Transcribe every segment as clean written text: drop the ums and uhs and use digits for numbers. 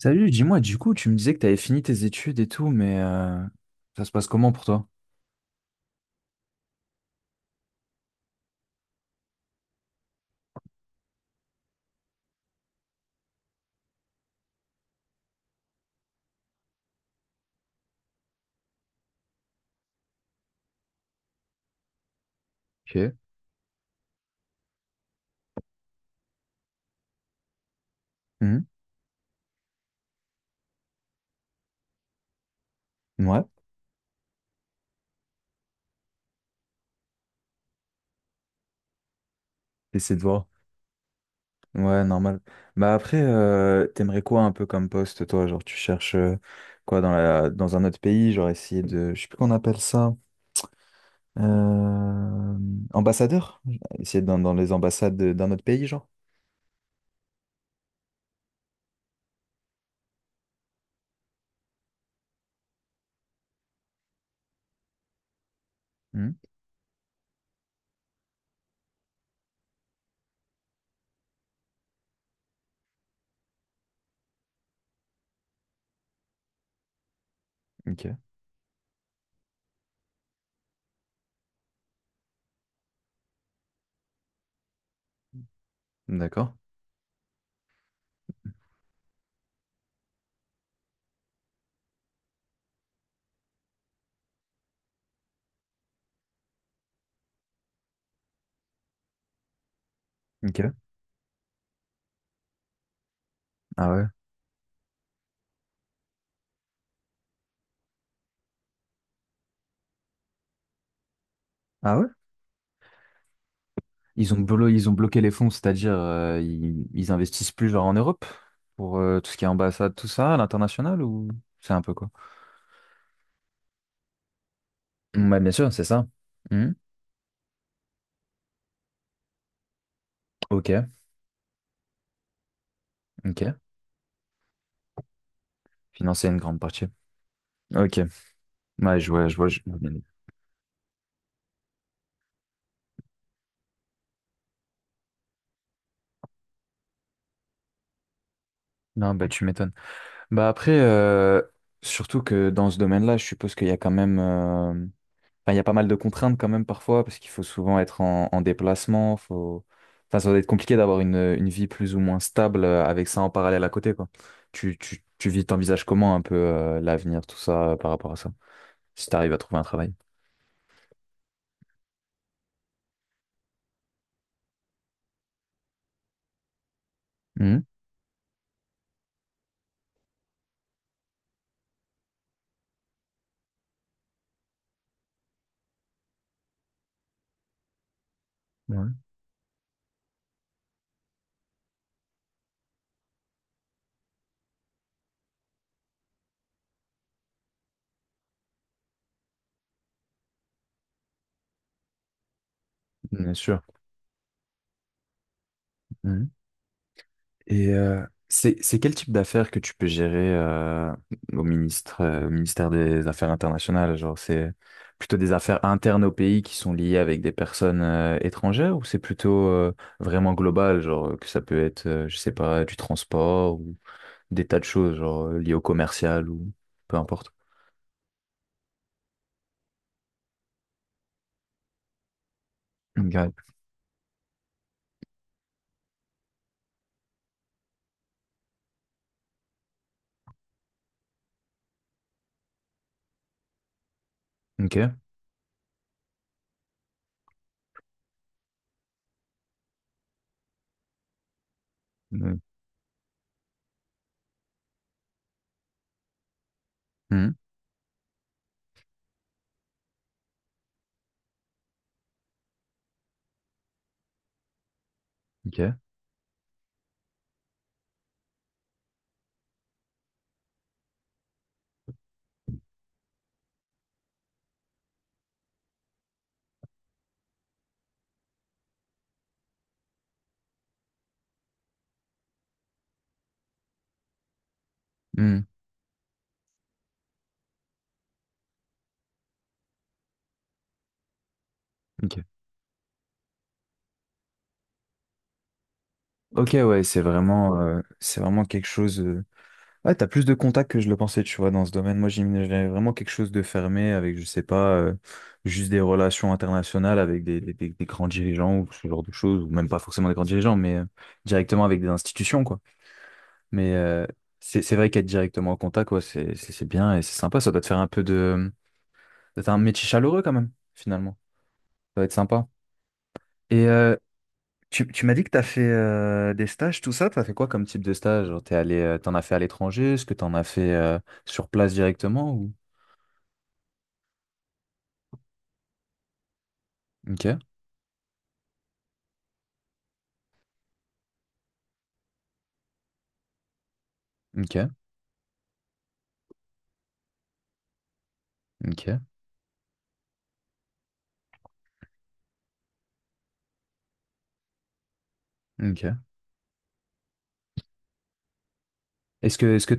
Salut, dis-moi, du coup, tu me disais que tu avais fini tes études et tout, mais ça se passe comment pour toi? Ok. Mhm. Ouais, essaie de voir. Ouais, normal. Bah après, t'aimerais quoi un peu comme poste, toi? Genre, tu cherches quoi dans un autre pays? Genre, essayer de, je sais plus qu'on appelle ça, euh, ambassadeur? Essayer d'être dans les d'un autre pays, genre? Mhm. Ok, d'accord. Ok. Ah ouais. Ah ouais? Ils ont bloqué les fonds, c'est-à-dire ils investissent plus genre en Europe pour tout ce qui est ambassade, tout ça, à l'international ou c'est un peu quoi? Mm, ouais, bien sûr, c'est ça. Mhm. Ok, ok. Financer une grande partie. Ok. Ouais, je vois, je vois, je vois bien. Non, bah tu m'étonnes. Bah après, surtout que dans ce domaine-là, je suppose qu'il y a quand même. Enfin, il y a pas mal de contraintes quand même parfois, parce qu'il faut souvent être en déplacement. Faut... Enfin, ça doit être compliqué d'avoir une vie plus ou moins stable avec ça en parallèle à côté, quoi. Tu vis, t'envisages comment un peu l'avenir, tout ça, par rapport à ça, si t'arrives à trouver un travail. Mhm. Ouais, bien sûr. Mhm. Et c'est quel type d'affaires que tu peux gérer au ministre au ministère des Affaires internationales? Genre c'est plutôt des affaires internes au pays qui sont liées avec des personnes étrangères ou c'est plutôt vraiment global, genre que ça peut être je sais pas du transport ou des tas de choses genre liées au commercial ou peu importe. Ok. Ok. Mm. Mm. Ok. Mm. Ok. Ok, ouais, c'est vraiment quelque chose. Ouais, t'as plus de contacts que je le pensais, tu vois, dans ce domaine. Moi, j'imaginais vraiment quelque chose de fermé avec, je sais pas, juste des relations internationales avec des grands dirigeants ou ce genre de choses, ou même pas forcément des grands dirigeants, mais directement avec des institutions, quoi. Mais c'est vrai qu'être directement en contact, ouais, c'est bien et c'est sympa. Ça doit te faire un peu de... D'être un métier chaleureux, quand même, finalement. Ça va être sympa. Et tu m'as dit que t'as fait des stages, tout ça. T'as fait quoi comme type de stage? Genre, t'es allé, t'en as fait à l'étranger? Est-ce que t'en as fait sur place directement ou... OK, OK, OK, OK. Est-ce que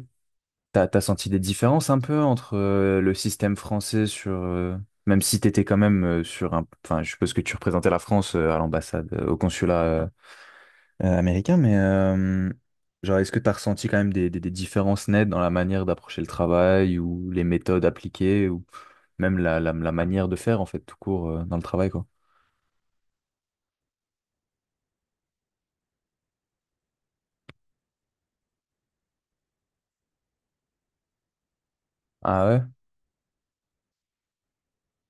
t'as senti des différences un peu entre le système français sur même si t'étais quand même sur un enfin je suppose que tu représentais la France à l'ambassade au consulat américain mais genre est-ce que t'as ressenti quand même des différences nettes dans la manière d'approcher le travail ou les méthodes appliquées ou même la manière de faire en fait tout court dans le travail quoi. Ah ouais?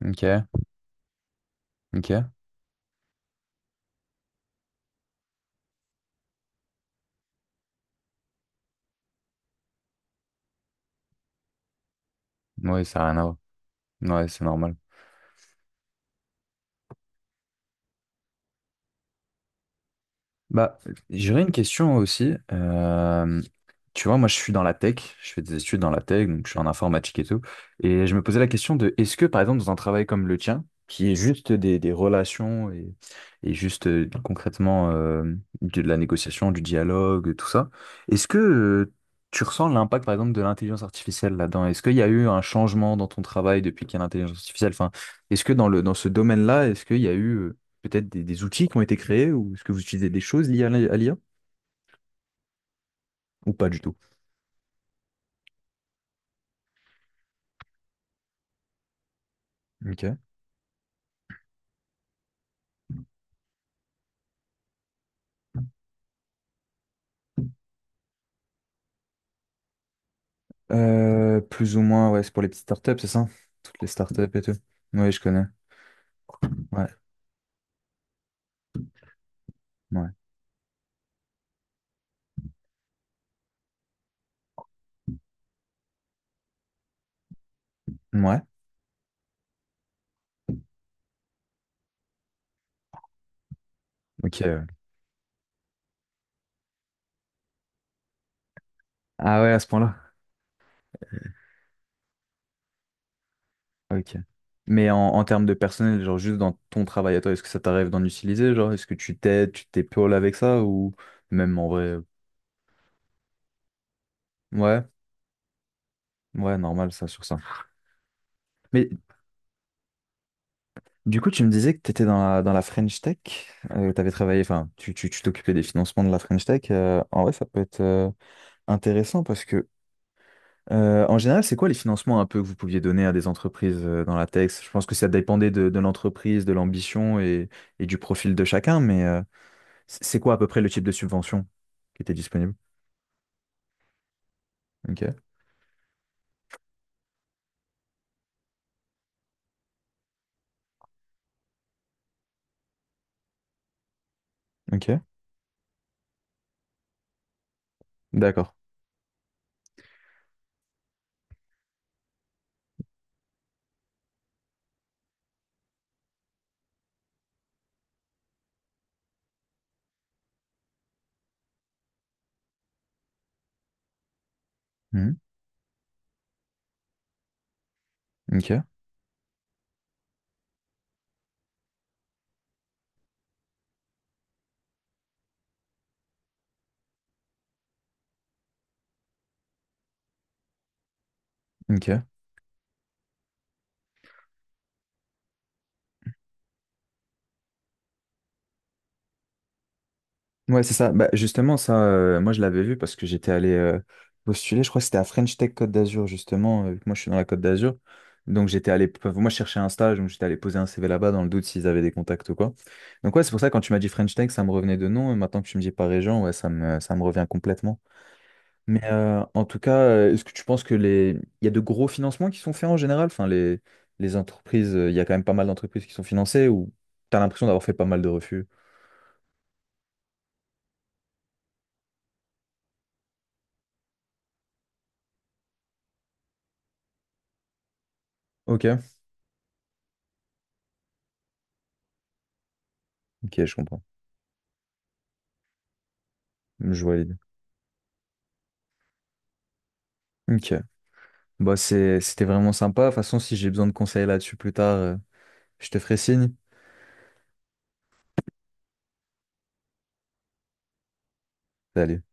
OK, OK. Ouais, ça a rien à voir. Ouais, c'est normal. Bah, j'aurais une question aussi. Tu vois, moi, je suis dans la tech, je fais des études dans la tech, donc je suis en informatique et tout. Et je me posais la question de, est-ce que, par exemple, dans un travail comme le tien, qui est juste des relations et et juste concrètement de la négociation, du dialogue, tout ça, est-ce que tu ressens l'impact, par exemple, de l'intelligence artificielle là-dedans? Est-ce qu'il y a eu un changement dans ton travail depuis qu'il y a l'intelligence artificielle? Enfin, est-ce que dans dans ce domaine-là, est-ce qu'il y a eu peut-être des outils qui ont été créés ou est-ce que vous utilisez des choses liées à à ou pas du tout? Ok. Plus ou moins, ouais, c'est pour les petites startups, c'est ça? Toutes les startups et tout. Oui, je connais. Ouais, ouais. Ouais. Ok, ouais. Ah ouais, à ce point-là. Ok. Mais en termes de personnel, genre juste dans ton travail à toi, est-ce que ça t'arrive d'en utiliser? Genre, est-ce que tu t'aides, tu t'épaules avec ça ou même en vrai? Ouais, ouais, normal ça sur ça. Mais du coup, tu me disais que tu étais dans dans la French Tech, tu avais travaillé, enfin, tu t'occupais des financements de la French Tech. En vrai, ça peut être intéressant parce que, en général, c'est quoi les financements un peu que vous pouviez donner à des entreprises dans la tech? Je pense que ça dépendait de l'entreprise, de l'ambition et du profil de chacun, mais c'est quoi à peu près le type de subvention qui était disponible? Ok, ok, d'accord. Mhm, ok, ok. Ouais, c'est ça. Bah, justement, ça, moi, je l'avais vu parce que j'étais allé postuler. Je crois que c'était à French Tech Côte d'Azur, justement. Euh, vu que moi, je suis dans la Côte d'Azur. Donc, j'étais allé. Enfin, moi, je cherchais un stage, donc j'étais allé poser un CV là-bas dans le doute s'ils avaient des contacts ou quoi. Donc, ouais, c'est pour ça, quand tu m'as dit French Tech, ça me revenait de nom. Et maintenant que tu me dis par région, ouais, ça me revient complètement. Mais en tout cas, est-ce que tu penses que les... il y a de gros financements qui sont faits en général? Enfin, les entreprises, il y a quand même pas mal d'entreprises qui sont financées ou t'as l'impression d'avoir fait pas mal de refus? Ok, ok, je comprends. Je vois Ok. Bah, c'était vraiment sympa. De toute façon, si j'ai besoin de conseils là-dessus plus tard, je te ferai signe. Salut.